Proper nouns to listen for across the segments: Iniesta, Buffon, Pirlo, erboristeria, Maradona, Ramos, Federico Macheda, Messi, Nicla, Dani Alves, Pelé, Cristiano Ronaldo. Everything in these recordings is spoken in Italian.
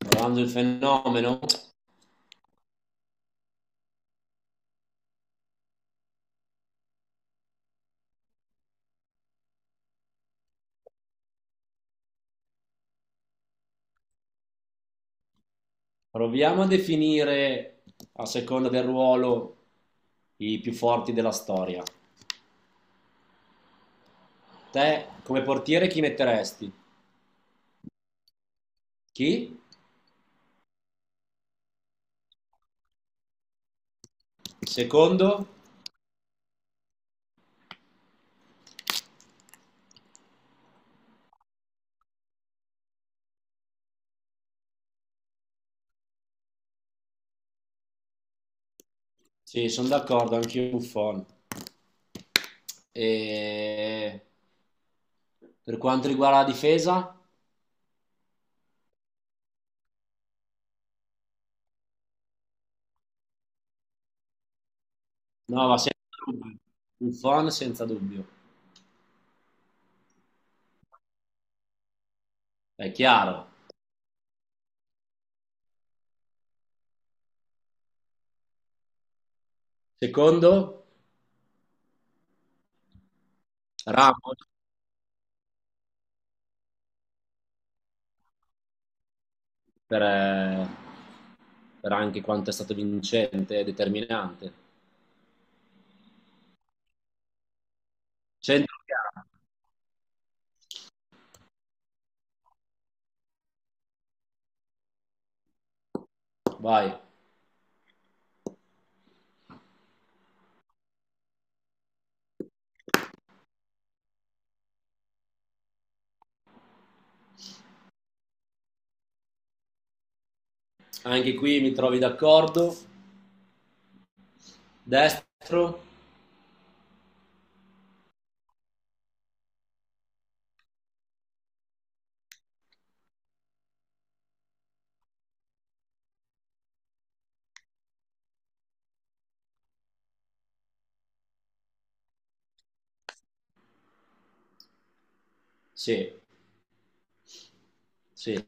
Provando il fenomeno, proviamo a definire, a seconda del ruolo, i più forti della storia. Te, come portiere, chi metteresti? Chi? Secondo? Sì, sono d'accordo, anch'io Buffon. E... Per quanto riguarda la difesa? No, ma senza dubbio. Buffon senza dubbio. È chiaro. Secondo? Ramos? Per, per anche quanto è stato vincente e determinante. Centrocampo, vai. Anche qui mi trovi d'accordo. Destro, sì, sì.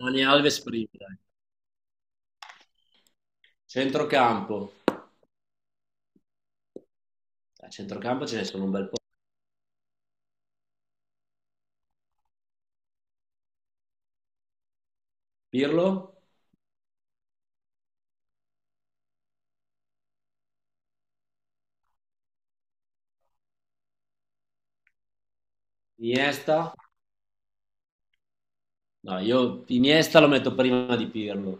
Dani Alves prima, dai. Centrocampo, a centrocampo ce ne sono un bel po'. Pirlo, Iniesta, no, io Iniesta lo metto prima di Pirlo.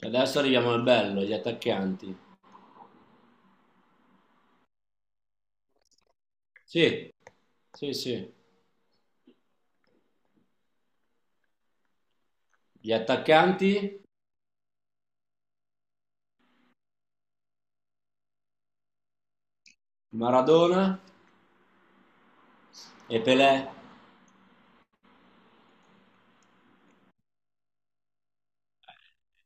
Adesso arriviamo al bello, gli attaccanti. Sì, sì, sì. Gli attaccanti, Maradona e Pelé.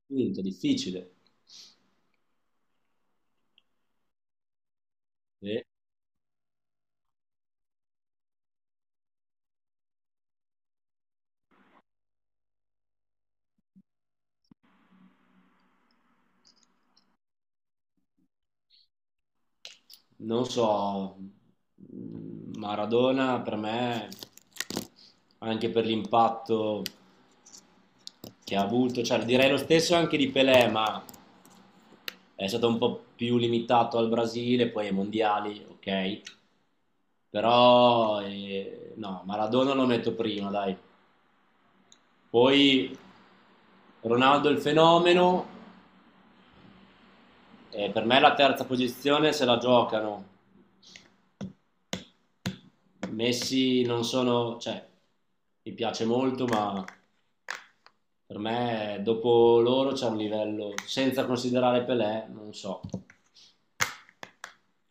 Quinto, difficile. Eh, Non so, Maradona per me, anche per l'impatto che ha avuto, cioè direi lo stesso anche di Pelé, ma è stato un po' più limitato al Brasile, poi ai mondiali, ok? Però no, Maradona lo metto prima, dai. Poi Ronaldo il fenomeno, per me la terza posizione se la giocano. Messi non sono, cioè, mi piace molto, ma per me dopo loro c'è un livello, senza considerare Pelé, non so.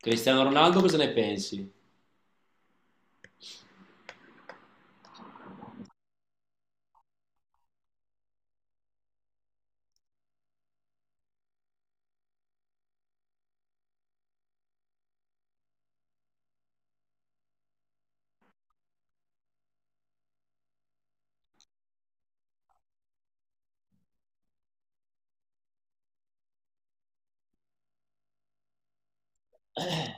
Cristiano Ronaldo, cosa ne pensi? Eh,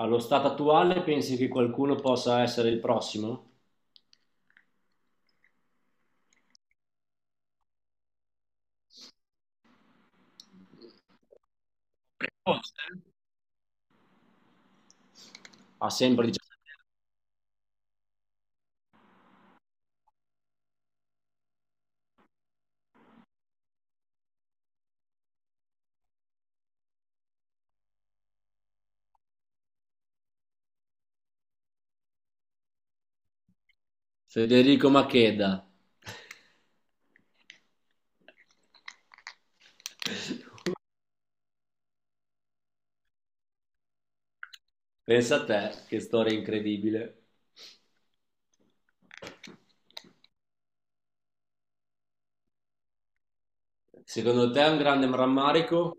allo stato attuale pensi che qualcuno possa essere il prossimo? Forse. Ha sempre 17 anni. Federico Macheda. Pensa a te, che storia incredibile. Secondo te è un grande rammarico?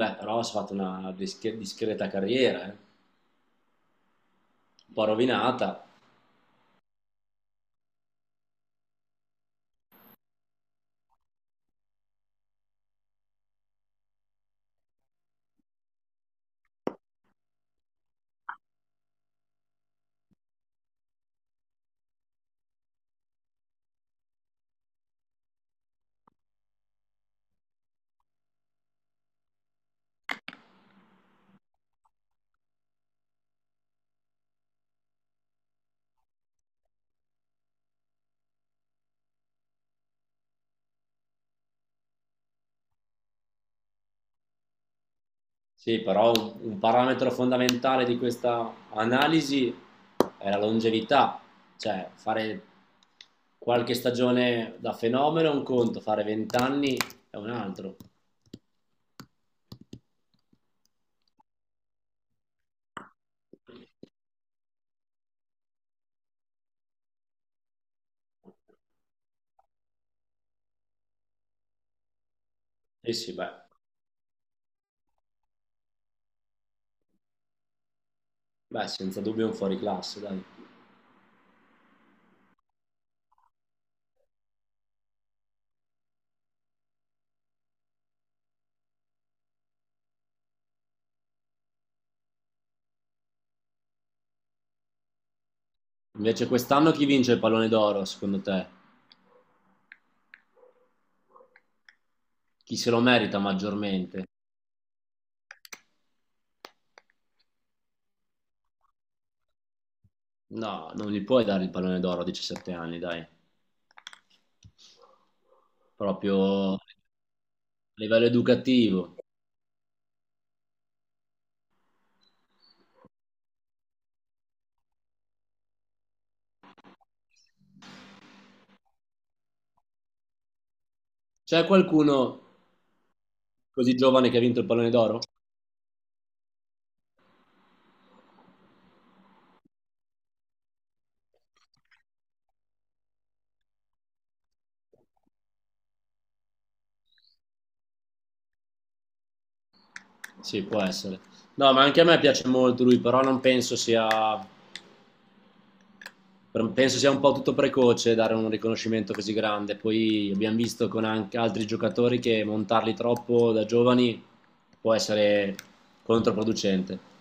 Beh, però ha fatto una discreta carriera, eh. Un po' rovinata. Sì, però un parametro fondamentale di questa analisi è la longevità. Cioè, fare qualche stagione da fenomeno è un conto, fare 20 anni è un altro. Sì, sì, beh, beh, senza dubbio è un fuoriclasse, dai. Invece quest'anno chi vince il pallone d'oro, secondo te? Chi se lo merita maggiormente? No, non gli puoi dare il pallone d'oro a 17 anni, dai. Proprio a livello educativo. C'è qualcuno così giovane che ha vinto il pallone d'oro? Sì, può essere. No, ma anche a me piace molto lui, però non penso sia, penso sia un po' tutto precoce dare un riconoscimento così grande. Poi abbiamo visto con anche altri giocatori che montarli troppo da giovani può essere controproducente.